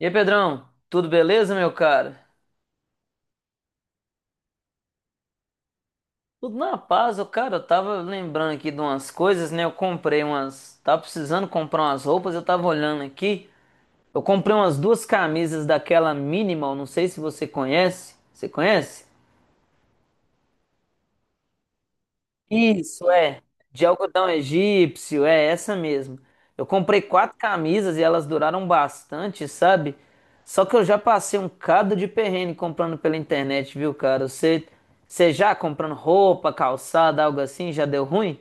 E aí, Pedrão, tudo beleza, meu cara? Tudo na paz, ô cara, eu tava lembrando aqui de umas coisas, né? Eu comprei umas. Tava precisando comprar umas roupas, eu tava olhando aqui. Eu comprei umas duas camisas daquela Minimal, não sei se você conhece. Você conhece? Isso, é. De algodão egípcio, é essa mesmo. Eu comprei quatro camisas e elas duraram bastante, sabe? Só que eu já passei um cado de perrengue comprando pela internet, viu, cara? Você já comprando roupa, calçada, algo assim, já deu ruim?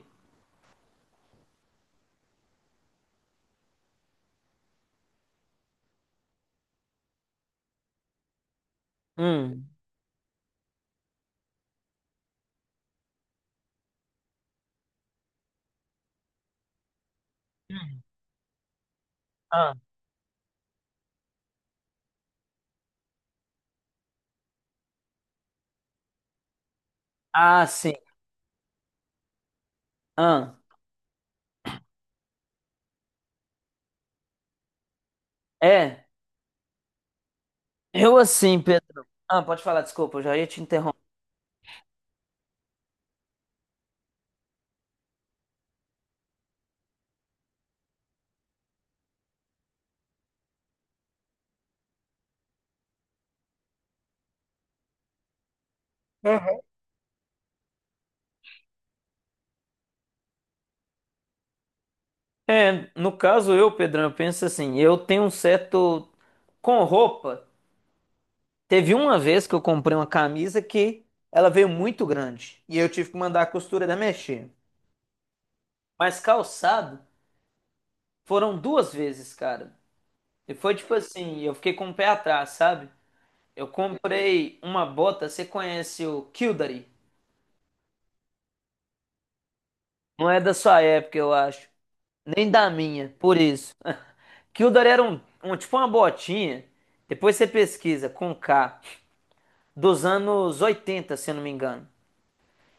Hum. Ah, ah, sim. Ah, é. Eu assim, Pedro. Ah, pode falar, desculpa, eu já ia te interromper. É, no caso eu, Pedrão, eu penso assim, eu tenho um certo com roupa. Teve uma vez que eu comprei uma camisa que ela veio muito grande e eu tive que mandar a costureira mexer. Mas calçado foram duas vezes, cara. E foi tipo assim, eu fiquei com o pé atrás, sabe? Eu comprei uma bota, você conhece o Kildare? Não é da sua época, eu acho. Nem da minha, por isso. Kildare era um tipo uma botinha. Depois você pesquisa com K, dos anos 80, se eu não me engano.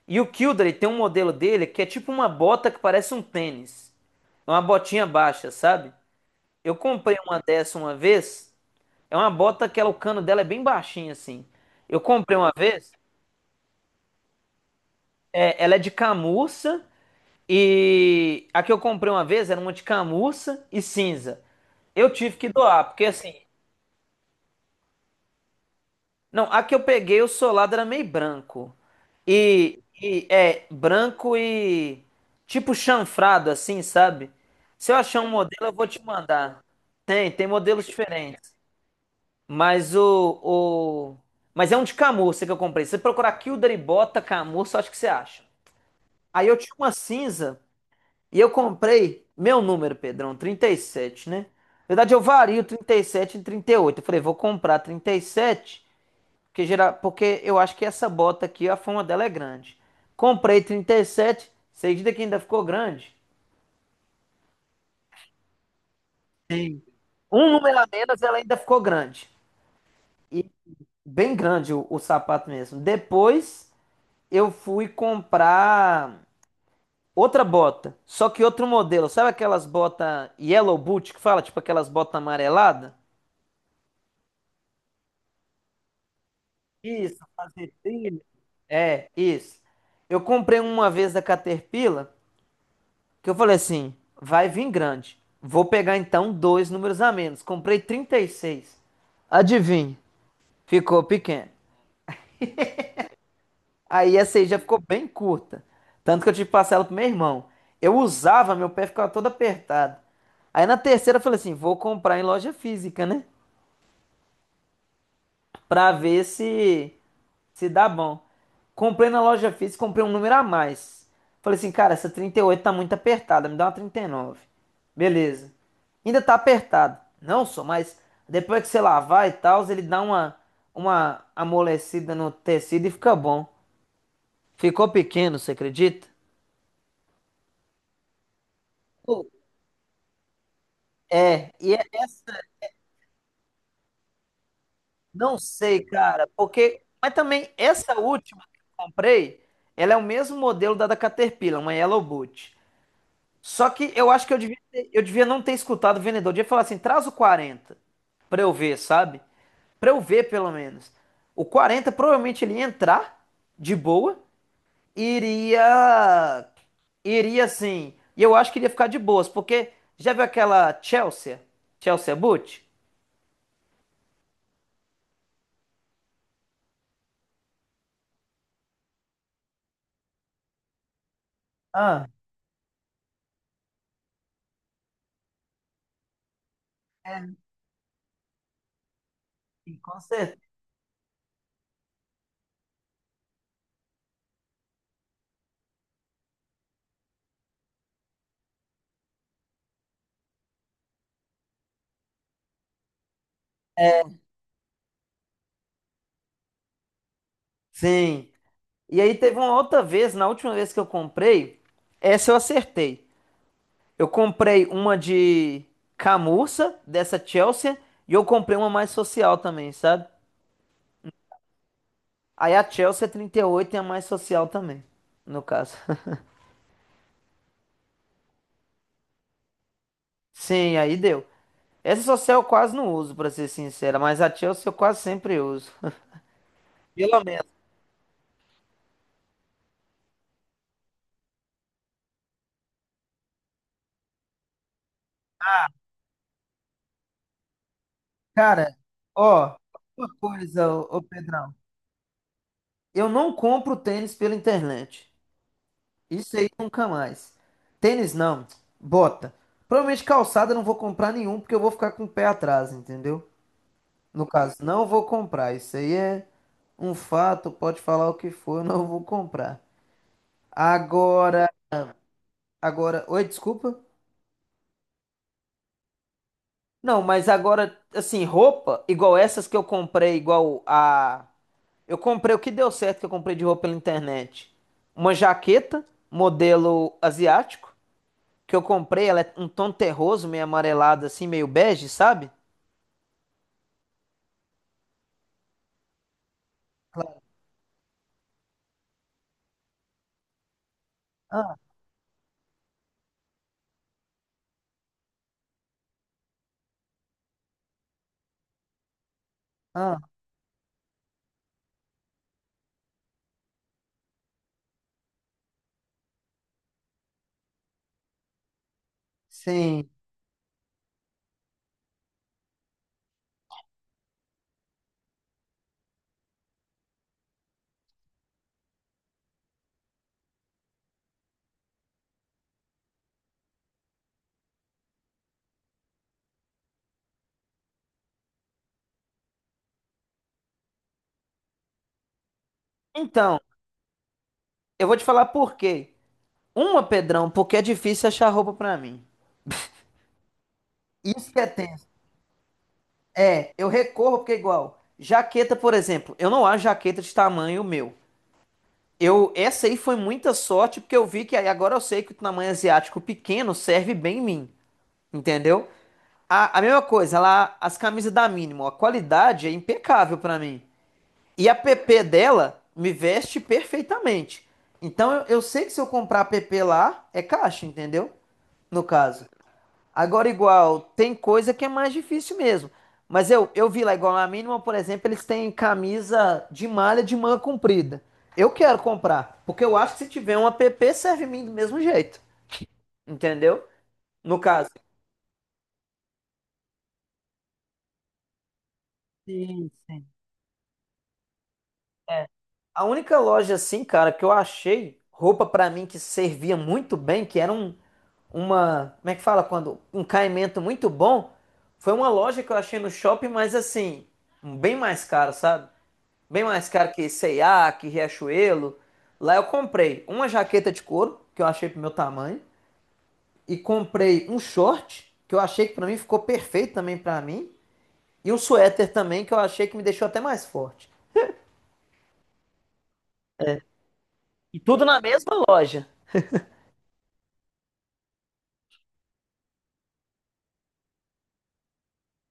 E o Kildare tem um modelo dele que é tipo uma bota que parece um tênis. É uma botinha baixa, sabe? Eu comprei uma dessa uma vez. É uma bota que ela, o cano dela é bem baixinho assim. Eu comprei uma vez, é, ela é de camurça e a que eu comprei uma vez era uma de camurça e cinza. Eu tive que doar, porque assim, não, a que eu peguei, o solado era meio branco. E é branco e tipo chanfrado, assim, sabe? Se eu achar um modelo, eu vou te mandar. Tem modelos diferentes. Mas o, o... Mas é um de camurça que eu comprei. Se você procurar Kilder e Bota camurça, acho que você acha. Aí eu tinha uma cinza e eu comprei meu número, Pedrão, 37, né? Na verdade, eu vario 37 e 38. Eu falei, vou comprar 37. Porque, geral, porque eu acho que essa bota aqui, a fama dela é grande. Comprei 37, você acredita que ainda ficou grande? Um número a menos, ela ainda ficou grande. E bem grande o sapato mesmo. Depois eu fui comprar outra bota, só que outro modelo. Sabe aquelas botas yellow boot que fala? Tipo aquelas botas amareladas? Isso, fazer trilha. É, isso. Eu comprei uma vez da Caterpillar. Que eu falei assim, vai vir grande. Vou pegar então dois números a menos. Comprei 36. Adivinha, ficou pequeno. Aí essa aí já ficou bem curta. Tanto que eu tive que passar ela pro meu irmão. Eu usava, meu pé ficava todo apertado. Aí na terceira eu falei assim, vou comprar em loja física, né? Pra ver se dá bom. Comprei na loja física, comprei um número a mais. Falei assim, cara, essa 38 tá muito apertada, me dá uma 39. Beleza. Ainda tá apertado. Não só, mas depois que você lavar e tal, ele dá uma amolecida no tecido e fica bom. Ficou pequeno, você acredita? Pô, é, e é essa, não sei, cara, porque. Mas também, essa última que eu comprei, ela é o mesmo modelo da Caterpillar, uma Yellow Boot. Só que eu acho que eu devia não ter escutado o vendedor. Eu devia falar assim, traz o 40 pra eu ver, sabe? Pra eu ver, pelo menos. O 40 provavelmente ele ia entrar de boa e iria... Iria, assim... E eu acho que iria ficar de boas, porque... Já viu aquela Chelsea? Chelsea Boot? Ah, é, sim, com certeza. Sim. E aí teve uma outra vez, na última vez que eu comprei, essa eu acertei. Eu comprei uma de camurça, dessa Chelsea, e eu comprei uma mais social também, sabe? Aí a Chelsea é 38, é a mais social também, no caso. Sim, aí deu. Essa social eu quase não uso, pra ser sincera, mas a Chelsea eu quase sempre uso. Pelo menos. Cara, ó, uma coisa, ô Pedrão. Eu não compro tênis pela internet. Isso aí nunca mais. Tênis não, bota. Provavelmente calçada eu não vou comprar nenhum, porque eu vou ficar com o pé atrás, entendeu? No caso, não vou comprar. Isso aí é um fato, pode falar o que for, eu não vou comprar. Agora, agora, oi, desculpa. Não, mas agora, assim, roupa, igual essas que eu comprei, igual a. Eu comprei o que deu certo que eu comprei de roupa pela internet. Uma jaqueta, modelo asiático, que eu comprei, ela é um tom terroso, meio amarelado, assim, meio bege, sabe? Ah, ah, sim. Então, eu vou te falar por quê. Uma, Pedrão, porque é difícil achar roupa pra mim. Isso que é tenso. É, eu recorro porque é igual. Jaqueta, por exemplo, eu não acho jaqueta de tamanho meu. Eu, essa aí foi muita sorte porque eu vi que aí agora eu sei que o tamanho asiático pequeno serve bem em mim, entendeu? A mesma coisa, lá as camisas da Mínimo, a qualidade é impecável pra mim. E a PP dela me veste perfeitamente. Então eu sei que se eu comprar a PP lá, é caixa, entendeu? No caso. Agora, igual, tem coisa que é mais difícil mesmo. Mas eu vi lá, igual na mínima, por exemplo, eles têm camisa de malha de manga comprida. Eu quero comprar, porque eu acho que se tiver um app, serve em mim do mesmo jeito. Entendeu? No caso, sim, sim. A única loja assim, cara, que eu achei roupa pra mim que servia muito bem, que era um, uma, como é que fala quando, um caimento muito bom, foi uma loja que eu achei no shopping, mas assim, bem mais caro, sabe? Bem mais caro que C&A, que Riachuelo. Lá eu comprei uma jaqueta de couro, que eu achei pro meu tamanho, e comprei um short, que eu achei que pra mim ficou perfeito também pra mim, e um suéter também, que eu achei que me deixou até mais forte. E tudo na mesma loja.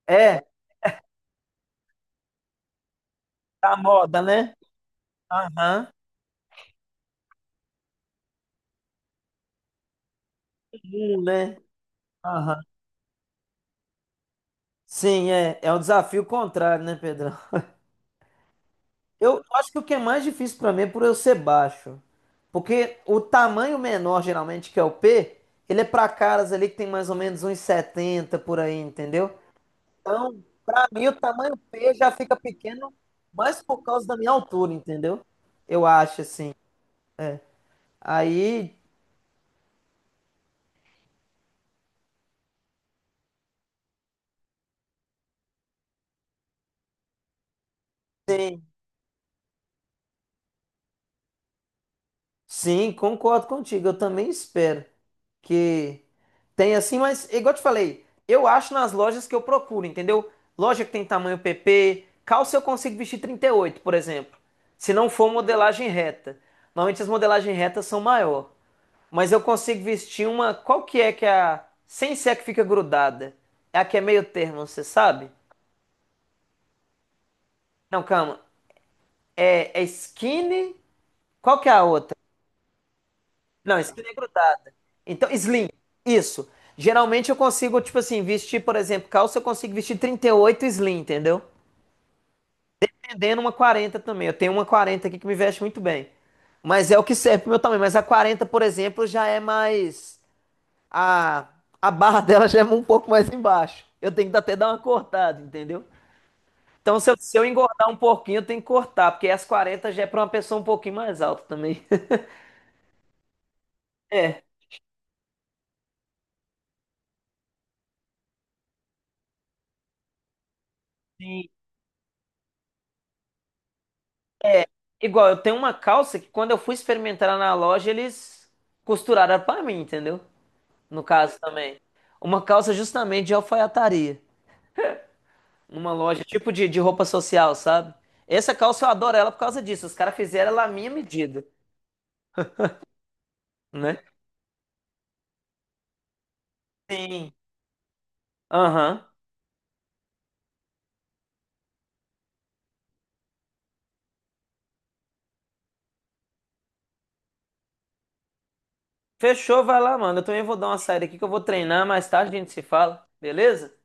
É, tá moda, né? Aham. Né? Aham. Sim, é um desafio contrário, né, Pedrão? Eu acho que o que é mais difícil pra mim é por eu ser baixo. Porque o tamanho menor, geralmente, que é o P, ele é pra caras ali que tem mais ou menos uns 70 por aí, entendeu? Então, pra mim, o tamanho P já fica pequeno mais por causa da minha altura, entendeu? Eu acho, assim. Aí, sim, concordo contigo. Eu também espero que tenha assim, mas igual eu te falei, eu acho nas lojas que eu procuro, entendeu? Loja que tem tamanho PP, calça eu consigo vestir 38 por exemplo. Se não for modelagem reta. Normalmente as modelagens retas são maior, mas eu consigo vestir uma, qual que é a sem ser a que fica grudada? É a que é meio termo, você sabe? Não, calma. É skinny. Qual que é a outra? Não, skinny é grudada. Então, slim, isso. Geralmente eu consigo, tipo assim, vestir, por exemplo, calça, eu consigo vestir 38 slim, entendeu? Tendendo uma 40 também. Eu tenho uma 40 aqui que me veste muito bem. Mas é o que serve pro meu tamanho. Mas a 40, por exemplo, já é mais. A, a barra dela já é um pouco mais embaixo. Eu tenho que até dar uma cortada, entendeu? Então, se eu engordar um pouquinho, eu tenho que cortar, porque as 40 já é pra uma pessoa um pouquinho mais alta também. É. É, igual, eu tenho uma calça que quando eu fui experimentar na loja, eles costuraram pra mim, entendeu? No caso também. Uma calça justamente de alfaiataria. Numa loja tipo de roupa social, sabe? Essa calça eu adoro ela por causa disso. Os caras fizeram ela à minha medida, né? Sim. Aham. Fechou, vai lá, mano. Eu também vou dar uma saída aqui que eu vou treinar. Mais tarde a gente se fala, beleza?